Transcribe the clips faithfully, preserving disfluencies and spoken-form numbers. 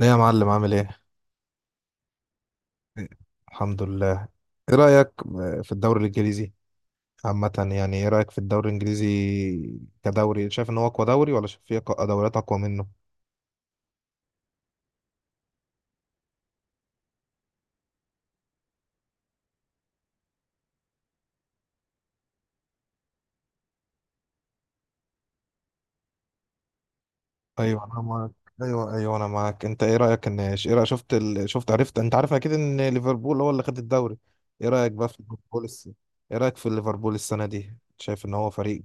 ايه يا معلم عامل ايه؟ الحمد لله. ايه رأيك في الدوري الانجليزي؟ عامة يعني ايه رأيك في الدوري الانجليزي؟ كدوري شايف ان هو اقوى دوري ولا شايف في أق- دوريات اقوى منه؟ ايوه انا معاك. ايوه، ايوه، انا معاك. انت ايه رأيك ان ايه رأيك شفت ال... شفت، عرفت، انت عارف اكيد ان ليفربول هو اللي خد الدوري. ايه رأيك بقى في ليفربول الس... ايه رأيك في ليفربول السنة دي؟ شايف ان هو فريق.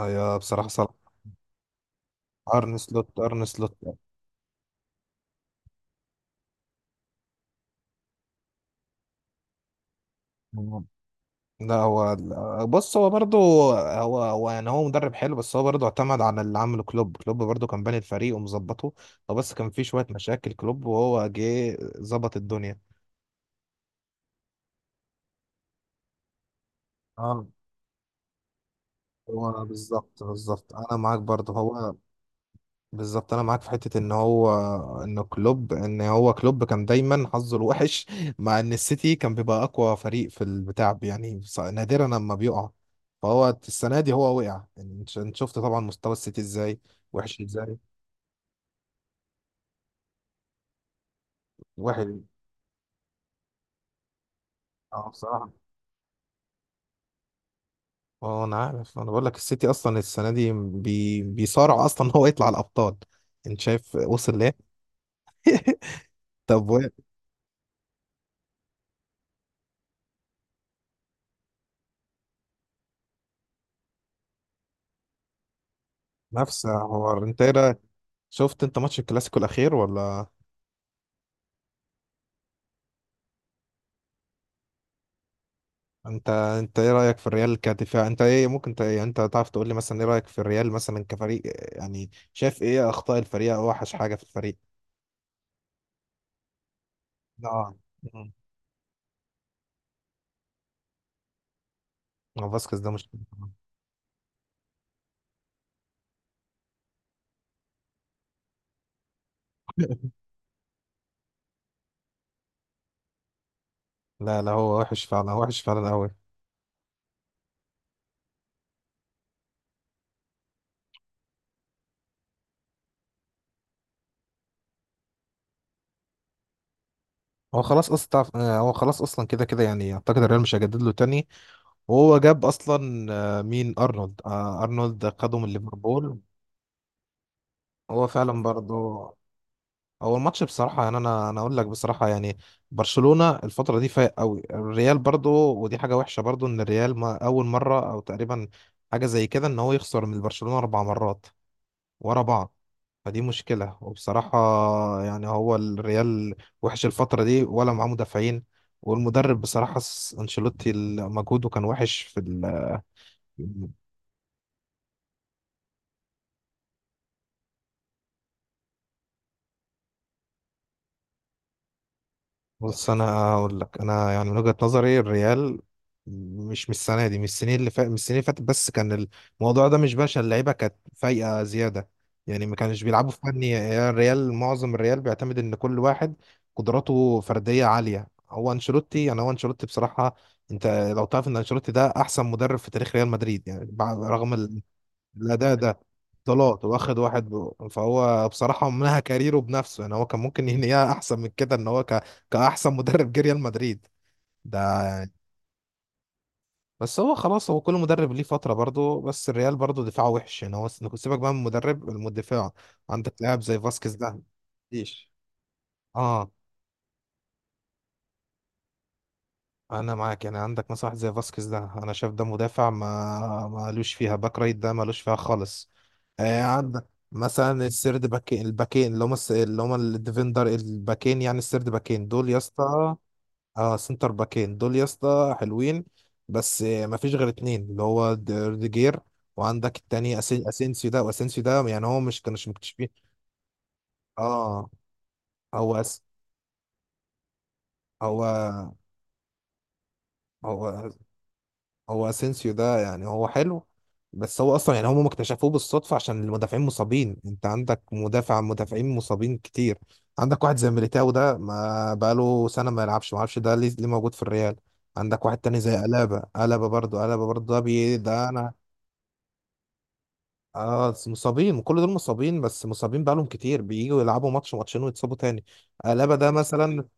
ايوه بصراحة صلاح. ارن سلوت، ارن سلوت لا هو، بص هو برضه هو هو يعني هو مدرب حلو، بس هو برضه اعتمد على اللي عمله كلوب. كلوب برضه كان باني الفريق ومظبطه، هو بس كان فيه شوية مشاكل. كلوب وهو جه ظبط الدنيا. اه، هو بالظبط بالظبط انا معاك برضه. هو بالظبط انا معاك في حته ان هو، ان كلوب ان هو كلوب كان دايما حظه الوحش مع ان السيتي كان بيبقى اقوى فريق في البتاع، يعني ص- نادرا لما بيقع، فهو السنه دي هو وقع. يعني انت إنت شفت طبعا مستوى السيتي ازاي، وحش ازاي. واحد، اه بصراحة. اه انا عارف، انا بقول لك السيتي اصلا السنة دي بي... بيصارع اصلا ان هو يطلع الابطال. انت شايف وصل ليه؟ طب و... نفس حوار، انت ايه رأيك؟ شفت انت ماتش الكلاسيكو الاخير ولا؟ انت انت ايه رأيك في الريال كدفاع؟ انت ايه ممكن، انت انت تعرف تقول لي مثلا ايه رأيك في الريال مثلا كفريق؟ يعني شايف ايه اخطاء الفريق او اوحش حاجة في الفريق؟ اه. مم. هو فاسكيز ده مش؟ لا لا هو وحش فعلا، وحش فعلا قوي. هو خلاص اصلا، آه، هو خلاص اصلا كده كده، يعني اعتقد الريال مش هيجدد له تاني. وهو جاب اصلا، آه، مين، ارنولد. آه، ارنولد خده من ليفربول. هو فعلا برضه. هو الماتش بصراحه، يعني انا انا اقول لك بصراحه، يعني برشلونه الفتره دي فايق قوي الريال برضه، ودي حاجه وحشه برضه، ان الريال ما اول مره او تقريبا حاجه زي كده ان هو يخسر من برشلونه اربع مرات ورا بعض. فدي مشكلة، وبصراحة يعني هو الريال وحش الفترة دي، ولا معاه مدافعين، والمدرب بصراحة، س- أنشيلوتي ال- مجهوده كان وحش في. بص انا هقول لك، انا يعني من وجهة نظري الريال مش من السنه دي، من السنين اللي فات من السنين اللي فاتت، بس كان الموضوع ده مش باشا، اللعيبه كانت فايقه زياده، يعني ما كانش بيلعبوا في فني. يعني الريال، معظم الريال بيعتمد ان كل واحد قدراته فرديه عاليه. هو انشيلوتي، يعني هو انشيلوتي بصراحه انت لو تعرف ان انشيلوتي ده احسن مدرب في تاريخ ريال مدريد يعني، بع- رغم، لا ده ده طلعت واخد واحد، ب- فهو بصراحة منها كاريره بنفسه، يعني هو كان ممكن ينهيها أحسن من كده، إن هو ك... كأحسن مدرب جه ريال مدريد ده يعني. بس هو خلاص، هو كل مدرب ليه فترة برضه، بس الريال برضه دفاعه وحش يعني. هو س- سيبك بقى من المدرب، المدافع عندك لاعب زي فاسكيز ده. مفيش. اه، انا معاك. يعني عندك مثلا واحد زي فاسكيز ده، انا شايف ده مدافع ما مالوش فيها، باك رايت ده مالوش فيها خالص. آه، عندك مثلا السيرد باكين، الباكين اللي هم الس- اللي هم الديفندر، الباكين يعني السيرد باكين دول يا اسطى. اه سنتر باكين دول يا اسطى حلوين، بس آه ما فيش غير اتنين، اللي هو د- روديجير، وعندك التاني، أسي- اسينسيو ده. واسينسيو ده يعني هو مش كانش مكتشفين. اه. هو أس... هو هو هو اسينسيو ده يعني هو حلو، بس هو اصلا يعني هم اكتشفوه بالصدفه عشان المدافعين مصابين. انت عندك مدافع مدافعين مصابين كتير. عندك واحد زي ميليتاو ده، ما بقاله سنه ما يلعبش، ما اعرفش ده ليه، ليه موجود في الريال؟ عندك واحد تاني زي ألابا، ألابا برضه ألابا برضه ده، بي ده انا اه مصابين، كل دول مصابين، بس مصابين بقالهم كتير بييجوا يلعبوا ماتش ماتشين ويتصابوا تاني. ألابا ده مثلا،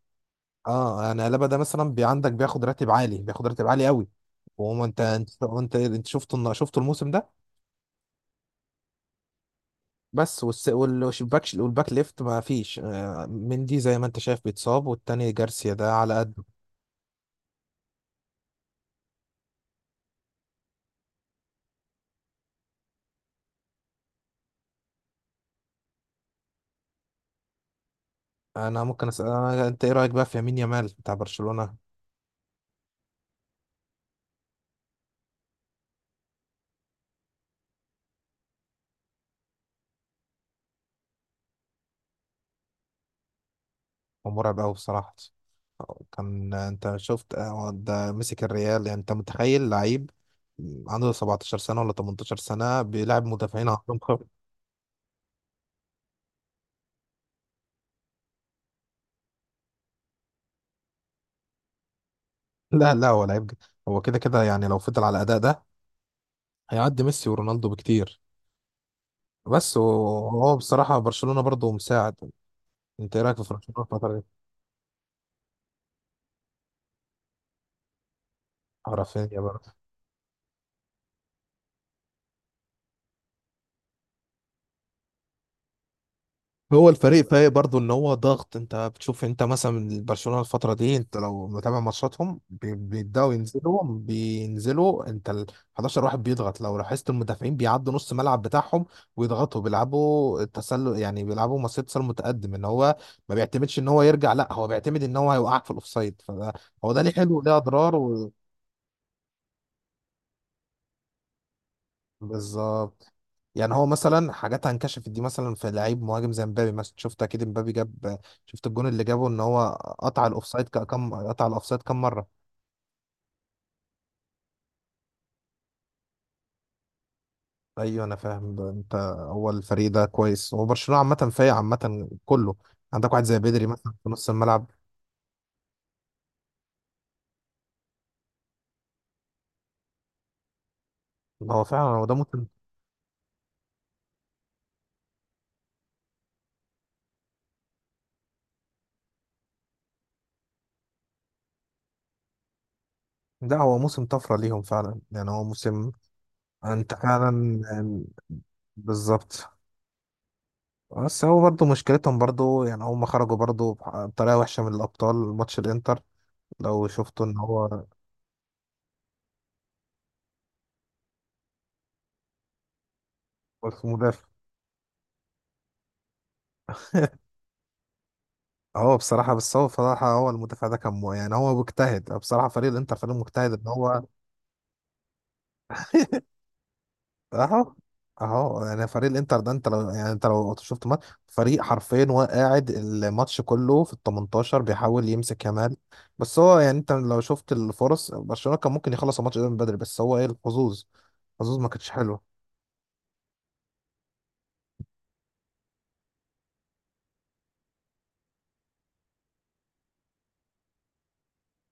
اه يعني قلابه ده مثلا، بي عندك بياخد راتب عالي، بياخد راتب عالي قوي، وما انت انت انت انت شفته الن- شفته الموسم ده، بس والس- والباك والباك ليفت ما فيش، آه، مندي زي ما انت شايف بيتصاب، والتاني جارسيا ده على قده. انا ممكن اسال، أنا- انت ايه رايك بقى في يمين يامال بتاع برشلونه؟ هو مرعب قوي بصراحه. كان انت شفت، آه، ده مسك الريال، يعني انت متخيل لعيب عنده سبعتاشر سنة سنه ولا تمنتاشر سنة سنه بيلعب مدافعين عندهم خبره؟ لا لا هو لعيب، ج- هو كده كده يعني لو فضل على الاداء ده هيعدي ميسي ورونالدو بكتير. بس وهو بصراحة برشلونة برضه مساعد. انت ايه رايك في برشلونة الفترة دي؟ رافينيا برضه. هو الفريق فايق برضه ان هو ضغط، انت بتشوف انت مثلا برشلونة الفترة دي، انت لو متابع ماتشاتهم بي- بيبدأوا ينزلوا، بينزلوا انت ال حداشر واحد بيضغط. لو لاحظت المدافعين بيعدوا نص الملعب بتاعهم ويضغطوا، بيلعبوا التسلل يعني، بيلعبوا مصيدة تسلل متقدم. ان هو ما بيعتمدش ان هو يرجع، لا هو بيعتمد ان هو هيوقعك في الاوفسايد، فده هو ده ليه حلو وليه اضرار. بالظبط. يعني هو مثلا حاجات هنكشفت دي، مثلا في لعيب مهاجم زي مبابي مثلا، شفت اكيد مبابي جاب، شفت الجون اللي جابه ان هو قطع الاوفسايد ك- كم قطع الاوفسايد كم مره. ايوه انا فاهم ده انت. هو الفريق ده كويس، هو برشلونه عامه فايق عامه كله. عندك واحد زي بدري مثلا في نص الملعب. هو فعلا هو ده موسم. ده هو موسم طفره ليهم فعلا يعني، هو موسم. انت فعلا بالظبط. بس هو برضه مشكلتهم برضه يعني هم خرجوا برضه بطريقة وحشة من الأبطال ماتش الإنتر، لو شفته ان هو، بس مدافع. هو بصراحة، بس هو بصراحة هو المدافع ده كان، مو- يعني هو مجتهد بصراحة. فريق الانتر فريق مجتهد ان هو. اهو، اهو يعني فريق الانتر ده، انت لو يعني انت لو شفت ماتش، فريق حرفيا هو قاعد الماتش كله في ال تمنتاشر بيحاول يمسك كمال. بس هو يعني انت لو شفت الفرص، برشلونة كان ممكن يخلص الماتش ده من بدري، بس هو ايه الحظوظ، الحظوظ ما كانتش حلوة.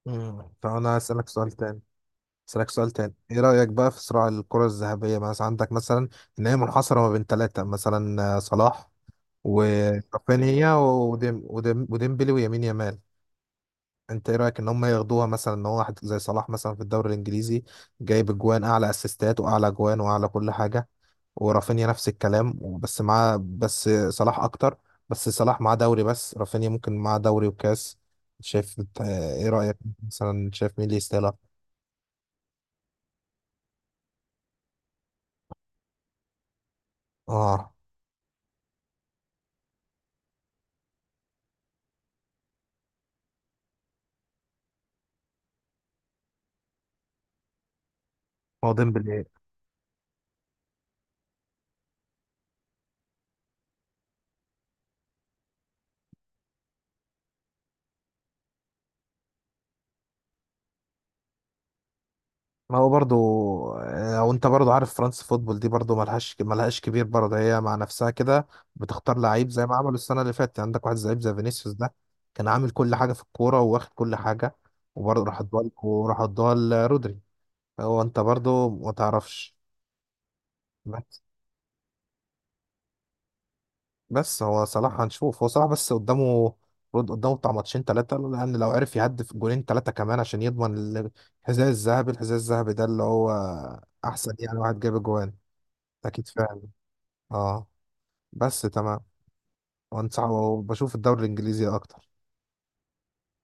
مم. طب انا هسألك سؤال تاني، اسالك سؤال تاني. ايه رايك بقى في صراع الكره الذهبيه؟ مثلا عندك مثلا ان هي منحصره ما بين ثلاثه مثلا، آه، صلاح ورافينيا وديم وديم وديمبلي ويمين يامال. انت ايه رايك ان هم ياخدوها؟ مثلا ان هو واحد زي صلاح مثلا في الدوري الانجليزي جايب اجوان، اعلى اسيستات واعلى اجوان واعلى كل حاجه، ورافينيا نفس الكلام بس معاه، بس صلاح اكتر، بس صلاح معاه دوري بس، رافينيا ممكن معاه دوري وكاس. شايف انت- آه، ايه رايك مثلا؟ شايف مين اللي يستاهلها؟ اه، هو ديمبلي. ما هو برضو، آه، وانت برضو عارف فرنسا فوتبول دي برضو ملهاش ملهاش كبير برضو، هي مع نفسها كده بتختار لعيب زي ما عملوا السنة اللي فاتت. يعني عندك واحد لعيب زي فينيسيوس ده كان عامل كل حاجة في الكورة وواخد كل حاجة، وبرضو راح ادوها لك- وراح ادوها لرودري. هو انت برضو ما تعرفش. بس بس هو صلاح، هنشوف هو صلاح بس قدامه رد، قدامه بتاع ماتشين ثلاثة. لأن لو عرف يهدف جولين ثلاثة كمان عشان يضمن ال- الحذاء الذهبي. الحذاء الذهبي ده اللي هو أحسن يعني واحد جاب جوان. أكيد فاهم. اه، بس تمام. وانصح، وبشوف الدوري الانجليزي اكتر.